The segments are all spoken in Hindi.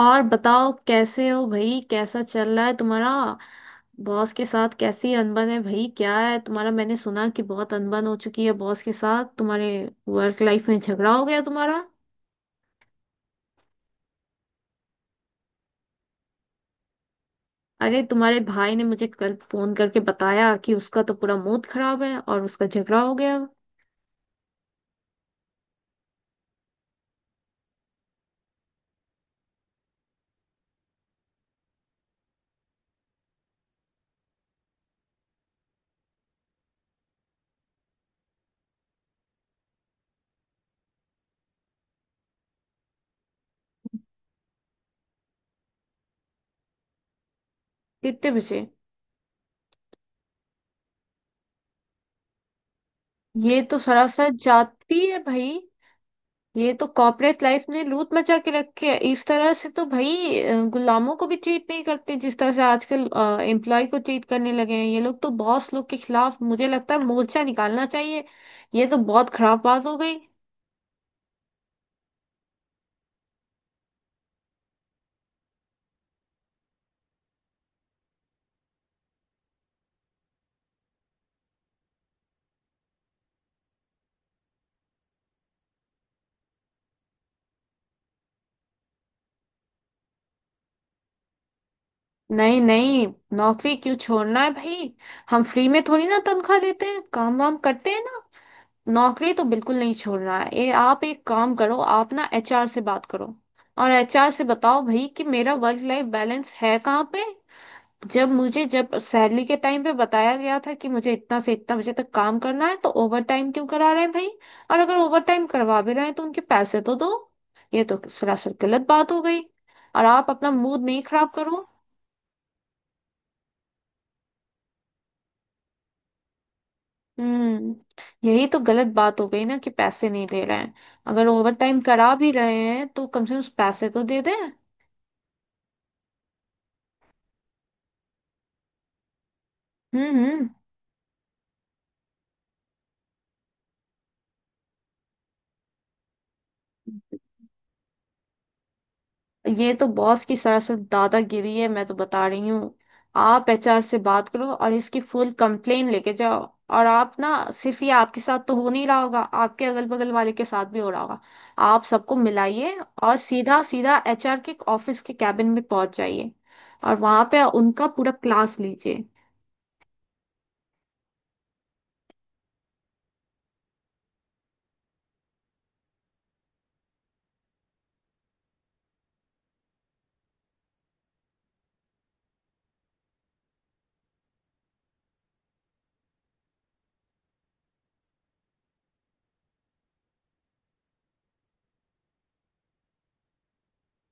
और बताओ कैसे हो भाई। कैसा चल रहा है तुम्हारा बॉस के साथ? कैसी अनबन है भाई, क्या है तुम्हारा? मैंने सुना कि बहुत अनबन हो चुकी है बॉस के साथ तुम्हारे। वर्क लाइफ में झगड़ा हो गया तुम्हारा? अरे, तुम्हारे भाई ने मुझे कल फोन करके बताया कि उसका तो पूरा मूड खराब है और उसका झगड़ा हो गया। कितने बजे? ये तो सरासर जाती है भाई। ये तो कॉर्पोरेट लाइफ ने लूट मचा के रखी है। इस तरह से तो भाई गुलामों को भी ट्रीट नहीं करते जिस तरह से आजकल एम्प्लॉय को ट्रीट करने लगे हैं ये लोग। तो बॉस लोग के खिलाफ मुझे लगता है मोर्चा निकालना चाहिए। ये तो बहुत खराब बात हो गई। नहीं नहीं, नौकरी क्यों छोड़ना है भाई। हम फ्री में थोड़ी ना तनख्वाह देते हैं, काम वाम करते हैं ना। नौकरी तो बिल्कुल नहीं छोड़ना है। ये आप एक काम करो, आप ना एचआर से बात करो। और एचआर से बताओ भाई कि मेरा वर्क लाइफ बैलेंस है कहाँ पे। जब मुझे जब सैलरी के टाइम पे बताया गया था कि मुझे इतना से इतना बजे तक काम करना है तो ओवर टाइम क्यों करा रहे हैं भाई। और अगर ओवर टाइम करवा भी रहे हैं तो उनके पैसे तो दो। ये तो सरासर गलत बात हो गई। और आप अपना मूड नहीं खराब करो। हम्म। यही तो गलत बात हो गई ना कि पैसे नहीं दे रहे हैं। अगर ओवर टाइम करा भी रहे हैं तो कम से कम पैसे तो दे दें। हम्म। ये तो बॉस की सरासर दादागिरी है, मैं तो बता रही हूँ। आप एचआर से बात करो और इसकी फुल कंप्लेन लेके जाओ। और आप ना, सिर्फ ये आपके साथ तो हो नहीं रहा होगा, आपके अगल बगल वाले के साथ भी हो रहा होगा। आप सबको मिलाइए और सीधा सीधा एचआर के ऑफिस के कैबिन में पहुंच जाइए। और वहां पे उनका पूरा क्लास लीजिए।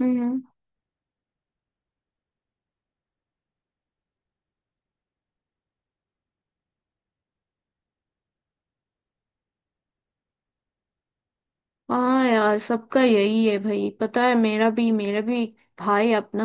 हम्म। हाँ यार, सबका यही है भाई, पता है। मेरा भी, मेरा भी एक भाई अपना,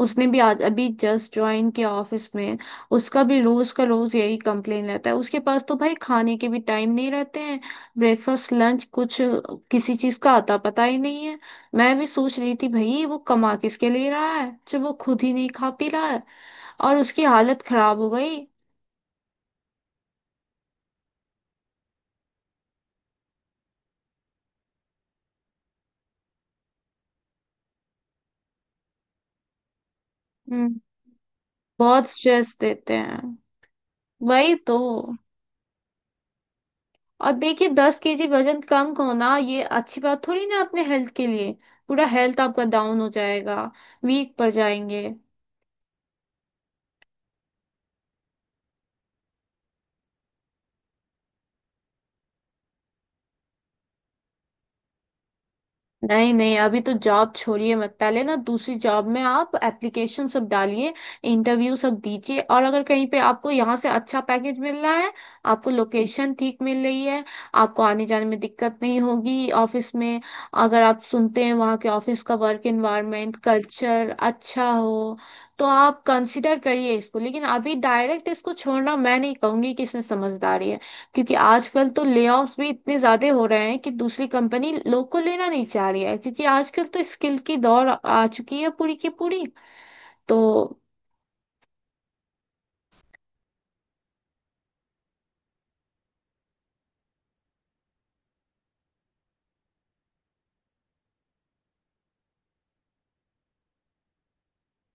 उसने भी आज अभी जस्ट ज्वाइन किया ऑफिस में। उसका भी रोज का रोज यही कंप्लेन रहता है। उसके पास तो भाई खाने के भी टाइम नहीं रहते हैं। ब्रेकफास्ट लंच कुछ, किसी चीज का आता पता ही नहीं है। मैं भी सोच रही थी भाई, वो कमा किसके लिए रहा है जब वो खुद ही नहीं खा पी रहा है। और उसकी हालत खराब हो गई। हम्म। बहुत स्ट्रेस देते हैं। वही तो। और देखिए, 10 केजी वजन कम होना ये अच्छी बात थोड़ी ना अपने हेल्थ के लिए। पूरा हेल्थ आपका डाउन हो जाएगा। वीक पड़ जाएंगे। नहीं नहीं, अभी तो जॉब छोड़िए मत। पहले ना दूसरी जॉब में आप एप्लीकेशन सब डालिए, इंटरव्यू सब दीजिए और अगर कहीं पे आपको यहाँ से अच्छा पैकेज मिल रहा है, आपको लोकेशन ठीक मिल रही है, आपको आने जाने में दिक्कत नहीं होगी ऑफिस में, अगर आप सुनते हैं वहाँ के ऑफिस का वर्क एनवायरनमेंट कल्चर अच्छा हो, तो आप कंसिडर करिए इसको। लेकिन अभी डायरेक्ट इसको छोड़ना मैं नहीं कहूंगी कि इसमें समझदारी है। क्योंकि आजकल तो लेऑफ्स भी इतने ज्यादा हो रहे हैं कि दूसरी कंपनी लोग को लेना नहीं चाह रही है, क्योंकि आजकल तो स्किल की दौड़ आ आ चुकी है पूरी की पूरी। तो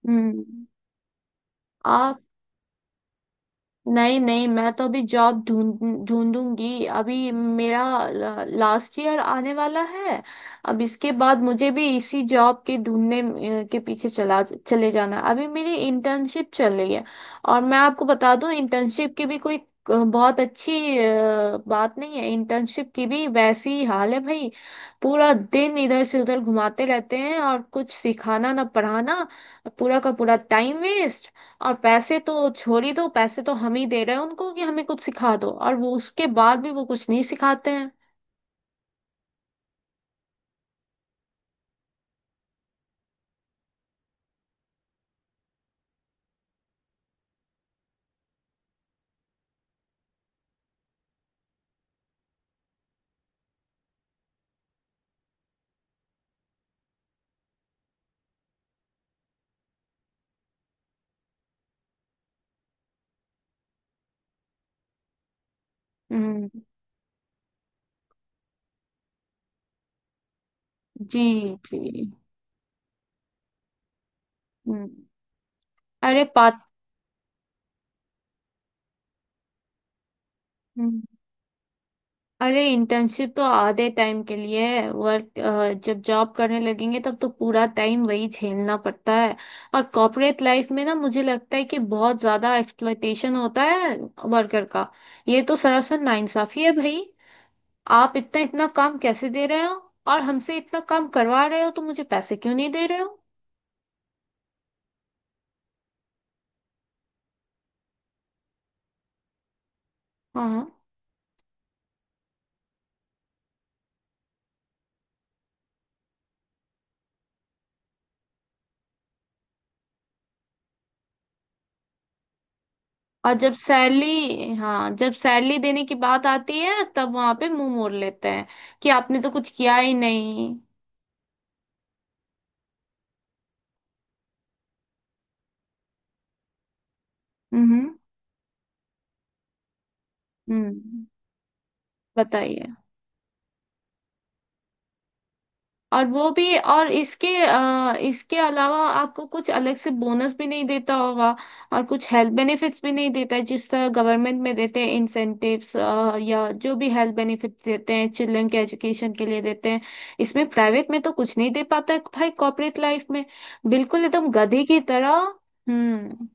हम्म। नहीं नहीं, मैं तो अभी जॉब ढूंढ ढूंढूंगी। अभी मेरा लास्ट ईयर आने वाला है। अब इसके बाद मुझे भी इसी जॉब के ढूंढने के पीछे चला चले जाना है। अभी मेरी इंटर्नशिप चल रही है। और मैं आपको बता दूं, इंटर्नशिप की भी कोई बहुत अच्छी बात नहीं है। इंटर्नशिप की भी वैसी ही हाल है भाई। पूरा दिन इधर से उधर घुमाते रहते हैं और कुछ सिखाना ना पढ़ाना। पूरा का पूरा टाइम वेस्ट। और पैसे तो छोड़ ही दो, पैसे तो हम ही दे रहे हैं उनको कि हमें कुछ सिखा दो, और वो उसके बाद भी वो कुछ नहीं सिखाते हैं। हम्म। जी। जी। हम्म। अरे पात। हम्म, अरे इंटर्नशिप तो आधे टाइम के लिए है वर्क। जब जॉब करने लगेंगे तब तो पूरा टाइम वही झेलना पड़ता है। और कॉर्पोरेट लाइफ में ना मुझे लगता है कि बहुत ज्यादा एक्सप्लॉयटेशन होता है वर्कर का। ये तो सरासर नाइंसाफी है भाई। आप इतना इतना काम कैसे दे रहे हो। और हमसे इतना काम करवा रहे हो तो मुझे पैसे क्यों नहीं दे रहे हो। हाँ। और जब सैलरी, हाँ जब सैलरी देने की बात आती है तब वहां पे मुंह मोड़ लेते हैं कि आपने तो कुछ किया ही नहीं। हम्म हम्म। बताइए। और वो भी, और इसके इसके अलावा आपको कुछ अलग से बोनस भी नहीं देता होगा। और कुछ हेल्थ बेनिफिट्स भी नहीं देता है जिस तरह गवर्नमेंट में देते हैं इंसेंटिव्स, या जो भी हेल्थ बेनिफिट्स देते हैं चिल्ड्रन के एजुकेशन के लिए देते हैं। इसमें प्राइवेट में तो कुछ नहीं दे पाता है भाई कॉर्पोरेट लाइफ में। बिल्कुल एकदम गधे की तरह। हम्म।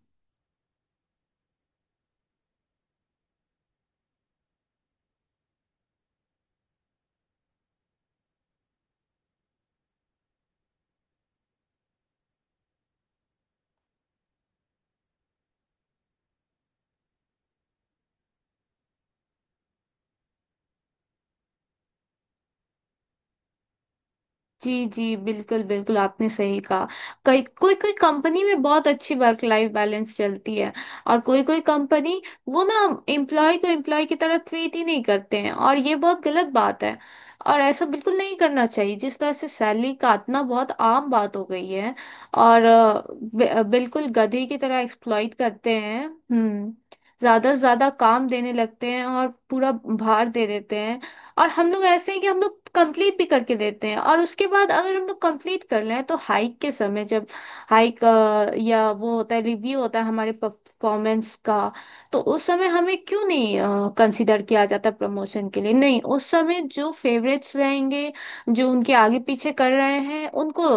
जी जी, बिल्कुल बिल्कुल, आपने सही कहा। कई, कोई कोई कंपनी में बहुत अच्छी वर्क लाइफ बैलेंस चलती है, और कोई कोई कंपनी, वो ना एम्प्लॉय को एम्प्लॉय की तरह ट्रीट ही नहीं करते हैं। और ये बहुत गलत बात है। और ऐसा बिल्कुल नहीं करना चाहिए। जिस तरह से सैलरी काटना बहुत आम बात हो गई है। और बिल्कुल गधे की तरह एक्सप्लॉइट करते हैं। हम्म। ज्यादा से ज्यादा काम देने लगते हैं और पूरा भार दे देते हैं। और हम लोग ऐसे हैं कि हम लोग कंप्लीट भी करके देते हैं, और उसके बाद अगर हम लोग कंप्लीट कर लें तो हाइक के समय जब हाइक या वो होता है, रिव्यू होता है हमारे परफॉर्मेंस का, तो उस समय हमें क्यों नहीं कंसीडर किया जाता प्रमोशन के लिए। नहीं, उस समय जो फेवरेट्स रहेंगे, जो उनके आगे पीछे कर रहे हैं उनको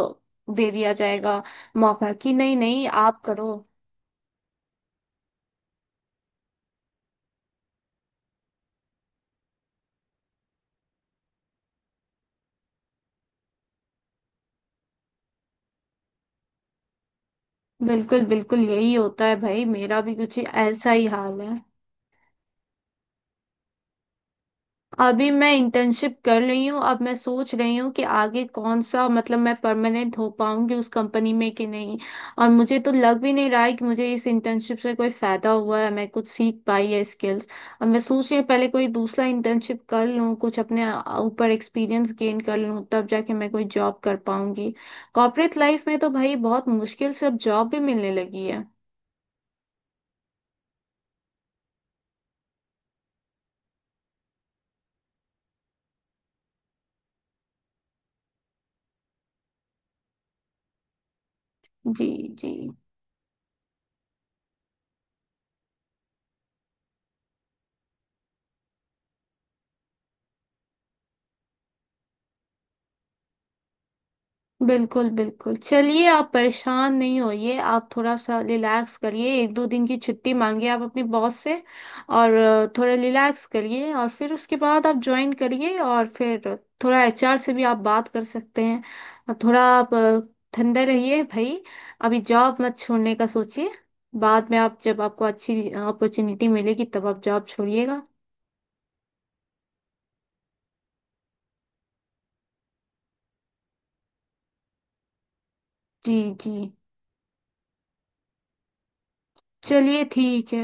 दे दिया जाएगा मौका कि नहीं नहीं आप करो। बिल्कुल बिल्कुल, यही होता है भाई। मेरा भी कुछ ऐसा ही हाल है। अभी मैं इंटर्नशिप कर रही हूँ। अब मैं सोच रही हूँ कि आगे कौन सा, मतलब मैं परमानेंट हो पाऊंगी उस कंपनी में कि नहीं। और मुझे तो लग भी नहीं रहा है कि मुझे इस इंटर्नशिप से कोई फायदा हुआ है, मैं कुछ सीख पाई है स्किल्स। और मैं सोच रही हूँ पहले कोई दूसरा इंटर्नशिप कर लूँ, कुछ अपने ऊपर एक्सपीरियंस गेन कर लूँ, तब जाके मैं कोई जॉब कर पाऊंगी। कॉर्पोरेट लाइफ में तो भाई बहुत मुश्किल से अब जॉब भी मिलने लगी है। जी जी, बिल्कुल बिल्कुल। चलिए, आप परेशान नहीं होइए, आप थोड़ा सा रिलैक्स करिए, एक दो दिन की छुट्टी मांगिए आप अपने बॉस से। और थोड़ा रिलैक्स करिए, और फिर उसके बाद आप ज्वाइन करिए। और फिर थोड़ा एचआर से भी आप बात कर सकते हैं। और थोड़ा आप ठंडे रहिए भाई। अभी जॉब मत छोड़ने का सोचिए। बाद में आप जब आपको अच्छी अपॉर्चुनिटी मिलेगी तब आप जॉब छोड़िएगा। जी जी, चलिए ठीक है।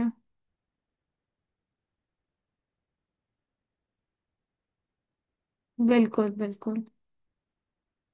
बिल्कुल बिल्कुल।